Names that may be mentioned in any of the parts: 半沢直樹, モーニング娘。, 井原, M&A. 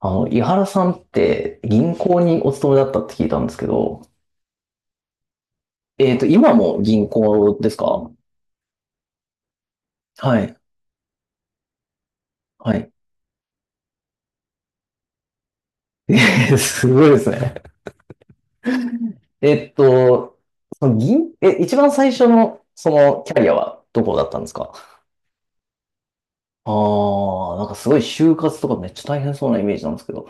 あの、井原さんって銀行にお勤めだったって聞いたんですけど、今も銀行ですか？はい、はい。えすごいですね。えっと、その銀、え、一番最初の、そのキャリアはどこだったんですか？ああ、なんかすごい就活とかめっちゃ大変そうなイメージなんですけど。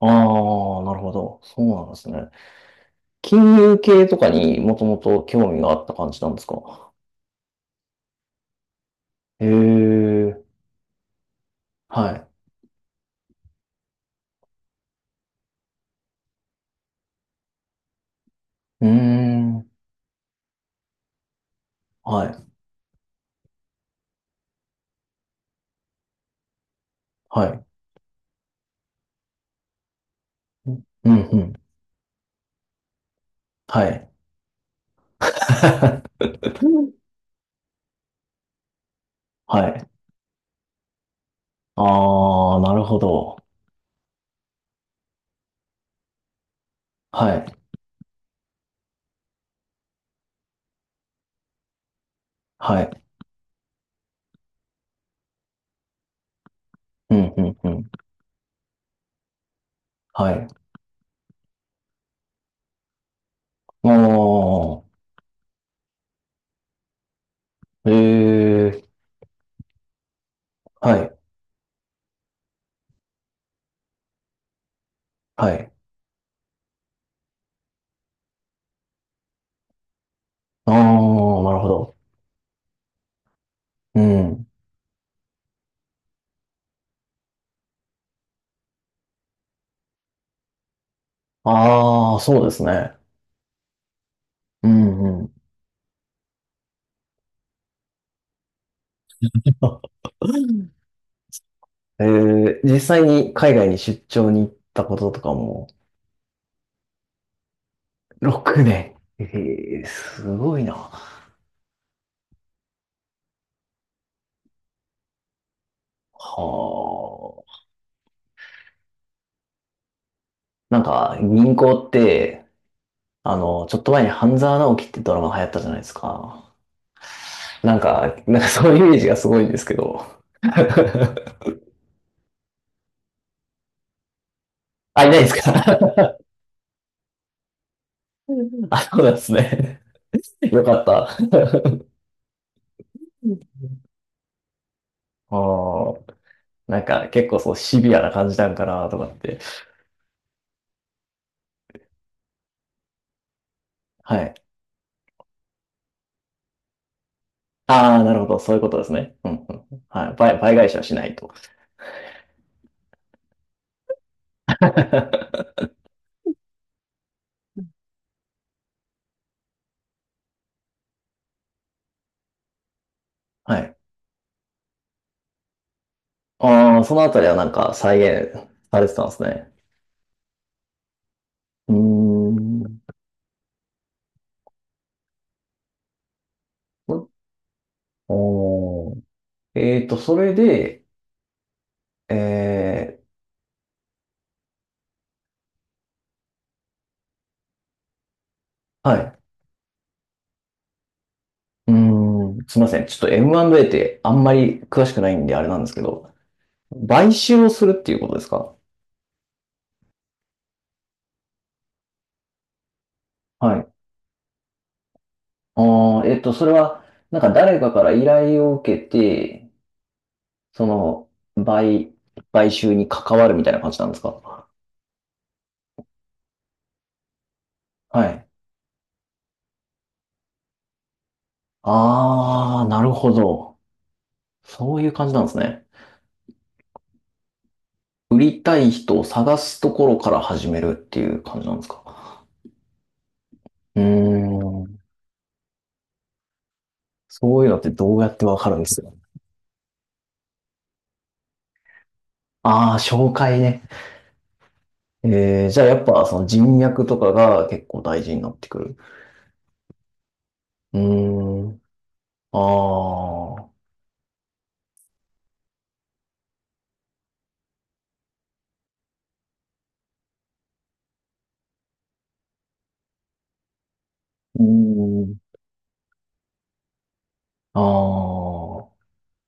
ああ、なるほど。そうなんですね。金融系とかにもともと興味があった感じなんですか？へえ、はい。うーん、はい、はい。うんうん。はい。はい。ああ、なるほど。はい。はい。うん、うん、うん。はい。ああ、ええ、はい、はい。ああ、なるほど。うん。ああ、そうですね。うんうん。実際に海外に出張に行ったこととかも、6年。ええ、すごいな。はあ。なんか、銀行って、あの、ちょっと前に半沢直樹ってドラマ流行ったじゃないですか。なんか、そういうイメージがすごいんですけど。あ、いないですか？ あ、そうですね。よかった。ああ、なんか結構そうシビアな感じなんかなとかって。はい。ああ、なるほど。そういうことですね。うんうんうん。はい。倍返しはしないと。はい。ああ、そのあたりはなんか再現されてたんですね。うーん。おー。それで、えーはい。うーん、すいません。ちょっと M&A ってあんまり詳しくないんであれなんですけど、買収をするっていうことですか？はい。ああ、それは、なんか誰かから依頼を受けて、その、買、買収に関わるみたいな感じなんですか？はい。ああ、なるほど。そういう感じなんですね。売りたい人を探すところから始めるっていう感じなんですか？うーん、そういうのってどうやってわかるんですか？ああー、紹介ね。じゃあやっぱその人脈とかが結構大事になってくる。うーん。ああ。うーん。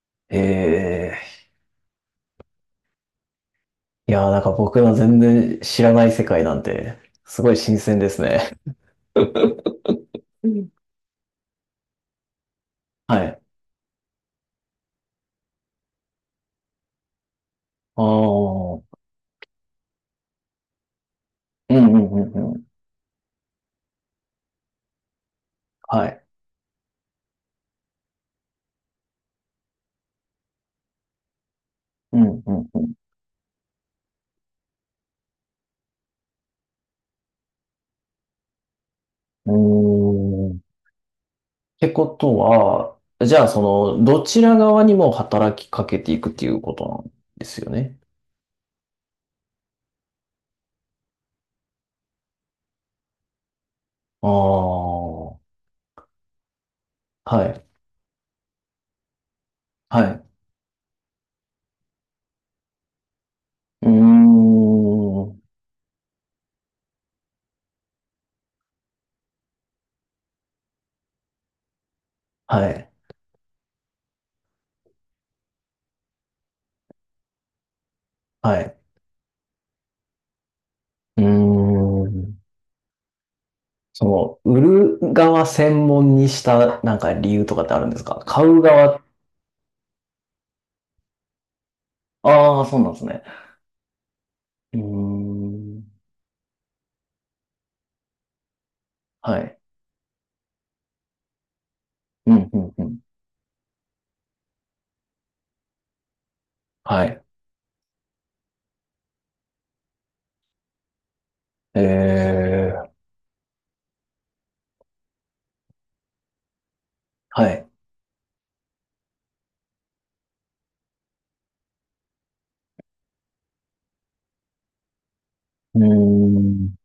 ああ。ええ、いやー、なんか僕の全然知らない世界なんて、すごい新鮮ですね。うん。はい。ああ。うんうんうんうん。はい。うんうんうん。うーん。ってことは、じゃあその、どちら側にも働きかけていくっていうことなんですよね。ああ。はい。はい。うーん。はい。はい。うーん。その、売る側専門にしたなんか理由とかってあるんですか？買う側、ああ、そうなんですね。うーん。はい。うん、うん、うん。はい。ええ、はい。うーん。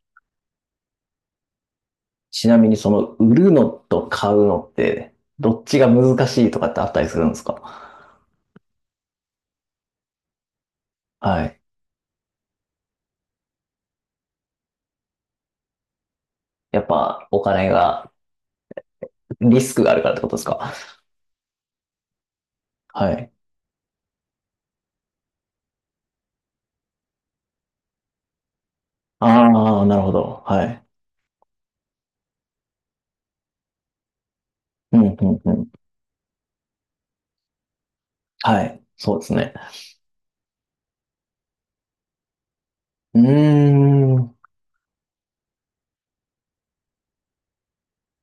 ちなみにその、売るのと買うのって、どっちが難しいとかってあったりするんですか？はい。やっぱ、お金が、リスクがあるからってことですか？はい。ああ、なるほど。はい。うん、うん、うん。はい。そうですね。うーん。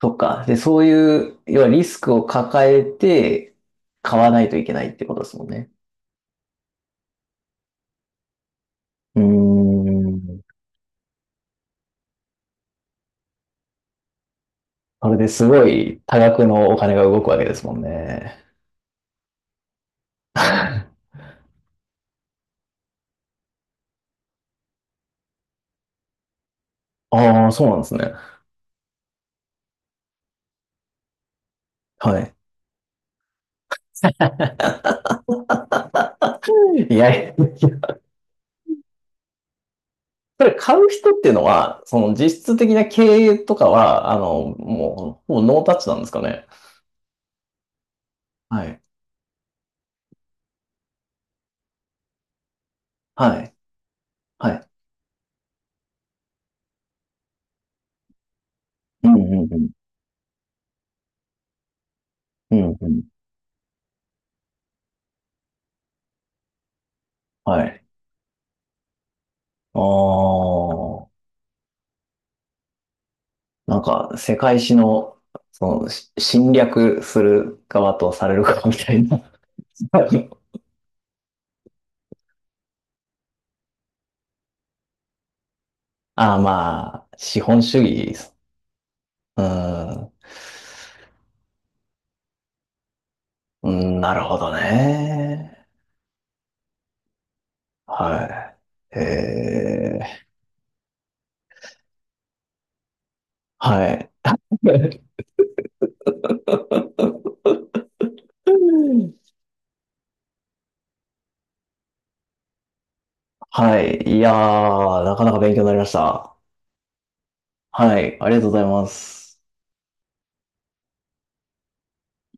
そっか。で、そういう、要はリスクを抱えて買わないといけないってことですもんね。うーん。それですごい多額のお金が動くわけですもんね。ああ、そうなんですね。はい。いやいや、それ買う人っていうのは、その実質的な経営とかは、あの、もう、ほぼノータッチなんですかね。はい。はい。はい。うんうんうん。うんうん。はい。ああ。なんか、世界史の、その、侵略する側とされる側みたいな。ああ、まあ、資本主義です。うん。うん、なるほどね。はい。はい。はい。いやー、なかなか勉強になりました。はい。ありがとうございます。